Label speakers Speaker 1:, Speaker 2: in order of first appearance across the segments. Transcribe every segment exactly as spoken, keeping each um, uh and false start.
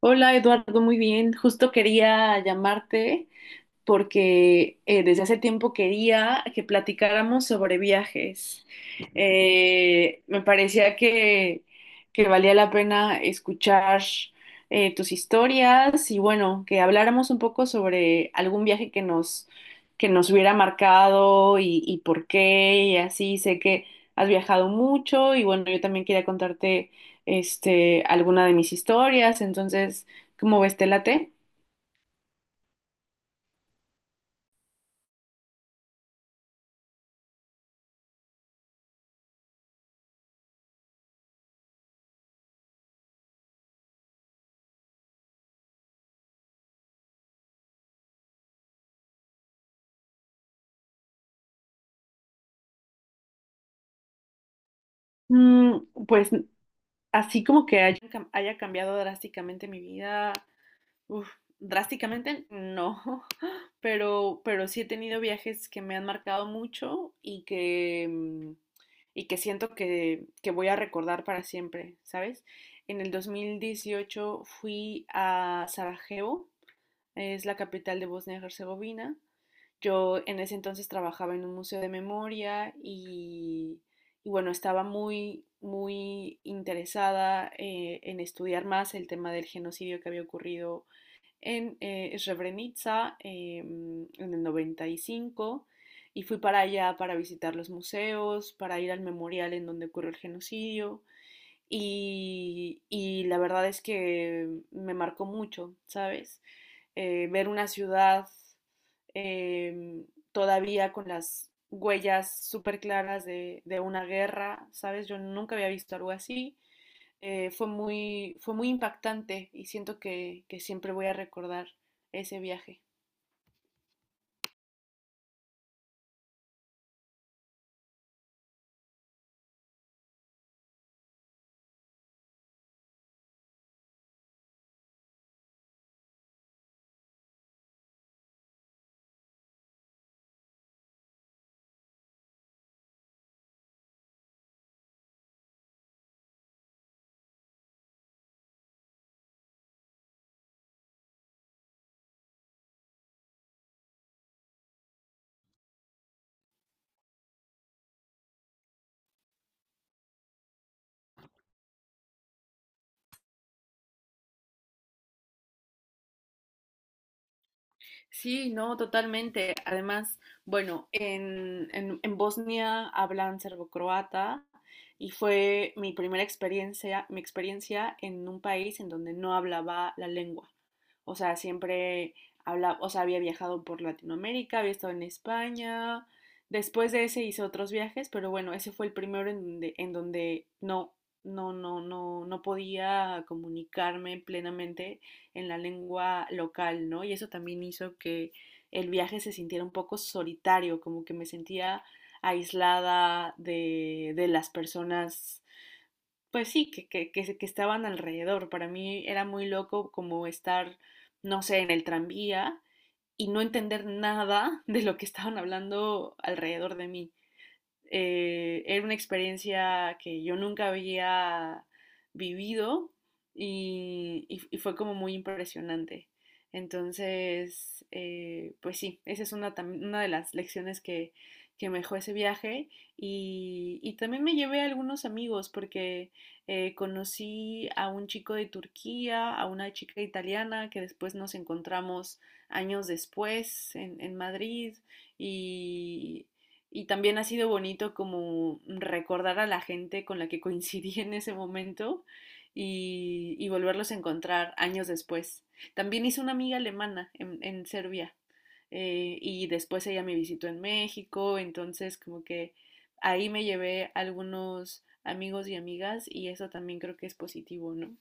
Speaker 1: Hola Eduardo, muy bien. Justo quería llamarte porque eh, desde hace tiempo quería que platicáramos sobre viajes. Eh, me parecía que, que valía la pena escuchar eh, tus historias y bueno, que habláramos un poco sobre algún viaje que nos, que nos hubiera marcado y, y por qué y así. Sé que has viajado mucho y bueno, yo también quería contarte este, alguna de mis historias. Entonces, ¿cómo ves, te late? Mm, Pues así como que haya haya cambiado drásticamente mi vida, uf, drásticamente no, pero, pero sí he tenido viajes que me han marcado mucho y que, mm, y que siento que, que voy a recordar para siempre, ¿sabes? En el dos mil dieciocho fui a Sarajevo, es la capital de Bosnia y Herzegovina. Yo en ese entonces trabajaba en un museo de memoria y, y bueno, estaba muy, muy interesada eh, en estudiar más el tema del genocidio que había ocurrido en eh, Srebrenica, eh, en el noventa y cinco y cinco, y fui para allá para visitar los museos, para ir al memorial en donde ocurrió el genocidio, y, y la verdad es que me marcó mucho, ¿sabes? Eh, ver una ciudad, em, todavía con las huellas súper claras de, de una guerra, ¿sabes? Yo nunca había visto algo así. Eh, fue muy, fue muy impactante y siento que, que siempre voy a recordar ese viaje. Sí, no, totalmente. Además, bueno, en, en, en Bosnia hablan serbocroata y fue mi primera experiencia, mi experiencia en un país en donde no hablaba la lengua. O sea, siempre hablaba, o sea, había viajado por Latinoamérica, había estado en España. Después de ese hice otros viajes, pero bueno, ese fue el primero en donde, en donde no, no, no, no, no podía comunicarme plenamente en la lengua local, ¿no? Y eso también hizo que el viaje se sintiera un poco solitario, como que me sentía aislada de, de las personas, pues sí, que, que, que, que estaban alrededor. Para mí era muy loco como estar, no sé, en el tranvía y no entender nada de lo que estaban hablando alrededor de mí. Eh, era una experiencia que yo nunca había vivido y, y, y fue como muy impresionante. Entonces, eh, pues sí, esa es una, una de las lecciones que, que me dejó ese viaje y, y, también me llevé a algunos amigos porque eh, conocí a un chico de Turquía, a una chica italiana que después nos encontramos años después en, en Madrid, y y también ha sido bonito como recordar a la gente con la que coincidí en ese momento, y, y volverlos a encontrar años después. También hice una amiga alemana en, en Serbia, eh, y después ella me visitó en México, entonces como que ahí me llevé algunos amigos y amigas, y eso también creo que es positivo, ¿no?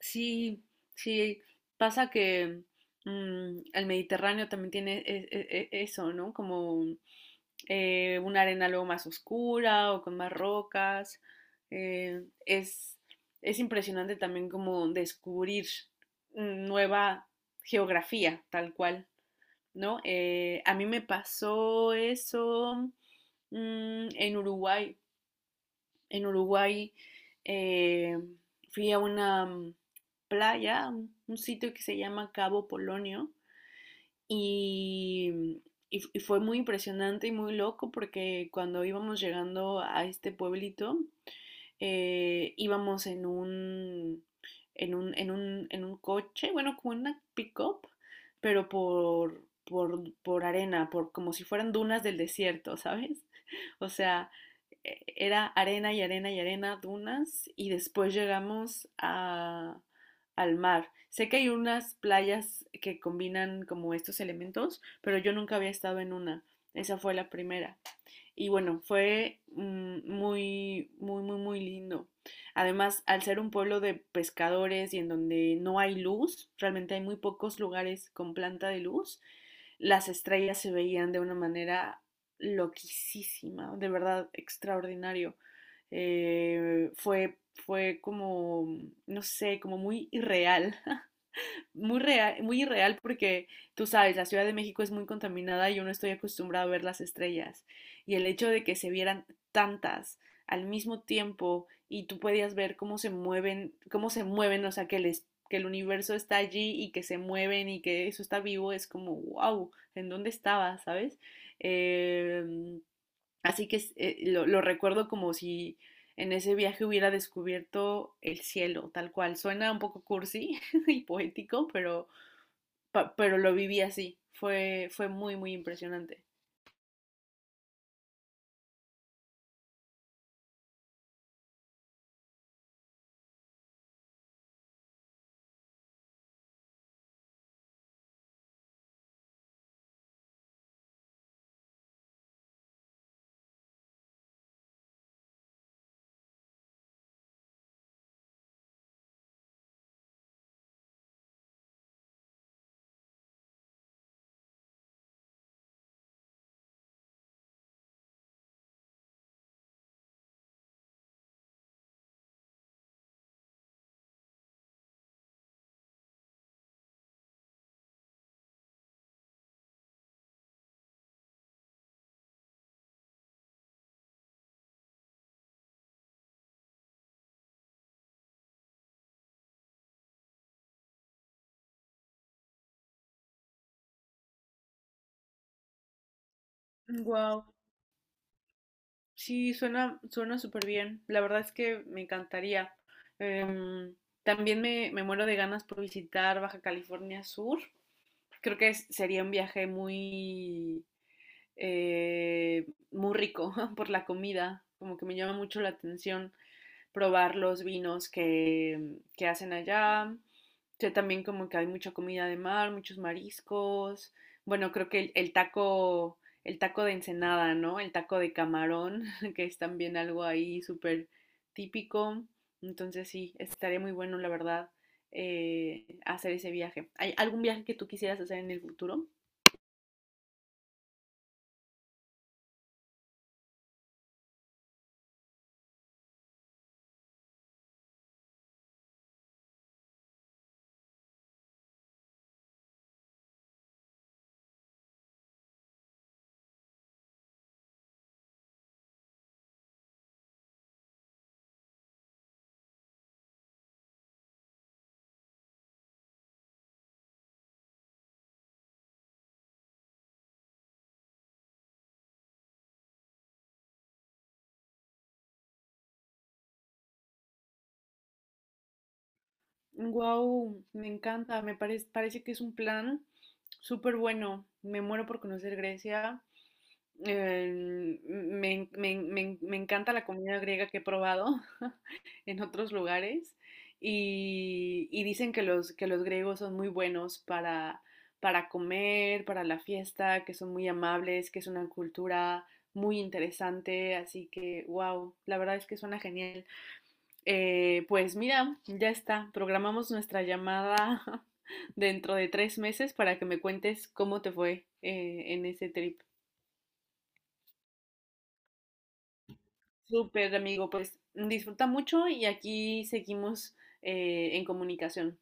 Speaker 1: Sí, sí, pasa que, mm, el Mediterráneo también tiene e- e- e- eso, ¿no? Como, eh, una arena luego más oscura o con más rocas. Eh, es, es impresionante también como descubrir nueva geografía, tal cual, ¿no? Eh, a mí me pasó eso, mmm, en Uruguay. En Uruguay, eh, fui a una playa, un sitio que se llama Cabo Polonio, y, mm, y, y fue muy impresionante y muy loco porque cuando íbamos llegando a este pueblito, eh, íbamos en un, en un, en un, en un coche, bueno, como una pick-up, pero por, por, por arena, por como si fueran dunas del desierto, ¿sabes? O sea, eh, era arena y arena y arena, dunas, y después llegamos a, al mar. Sé que hay unas playas que combinan como estos elementos, pero yo nunca había estado en una. Esa fue la primera. Y bueno, fue mm, muy, muy, muy, muy lindo. Además, al ser un pueblo de pescadores y en donde no hay luz, realmente hay muy pocos lugares con planta de luz, las estrellas se veían de una manera loquísima, de verdad extraordinario. Eh, fue, fue como, no sé, como muy irreal. Muy real, muy irreal porque tú sabes, la Ciudad de México es muy contaminada y yo no estoy acostumbrada a ver las estrellas. Y el hecho de que se vieran tantas al mismo tiempo, y tú podías ver cómo se mueven, cómo se mueven, o sea, que les que el universo está allí y que se mueven y que eso está vivo. Es como, wow, ¿en dónde estaba? ¿Sabes? Eh, Así que, eh, lo, lo recuerdo como si en ese viaje hubiera descubierto el cielo, tal cual. Suena un poco cursi y poético, pero, pa- pero lo viví así. Fue, fue muy, muy impresionante. Wow. Sí, suena, suena súper bien. La verdad es que me encantaría. Em, También me, me muero de ganas por visitar Baja California Sur. Creo que es- sería un viaje muy, eh, muy rico por la comida, como que me llama mucho la atención. Probar los vinos que, que hacen allá. Yo también como que hay mucha comida de mar, muchos mariscos. Bueno, creo que el, el taco, el taco de ensenada, ¿no? El taco de camarón, que es también algo ahí súper típico. Entonces sí, estaría muy bueno, la verdad, eh, hacer ese viaje. ¿Hay algún viaje que tú quisieras hacer en el futuro? Wow, me encanta, me parece parece que es un plan súper bueno. Me muero por conocer Grecia. Eh, me, me me me encanta la comida griega que he probado en otros lugares, y, y dicen que los, que los griegos son muy buenos para, para comer, para la fiesta, que son muy amables, que es una cultura muy interesante, así que wow, la verdad es que suena genial. Eh, pues mira, ya está, programamos nuestra llamada dentro de tres meses para que me cuentes cómo te fue, eh, en ese trip. Súper, amigo, pues disfruta mucho y aquí seguimos, eh, en comunicación.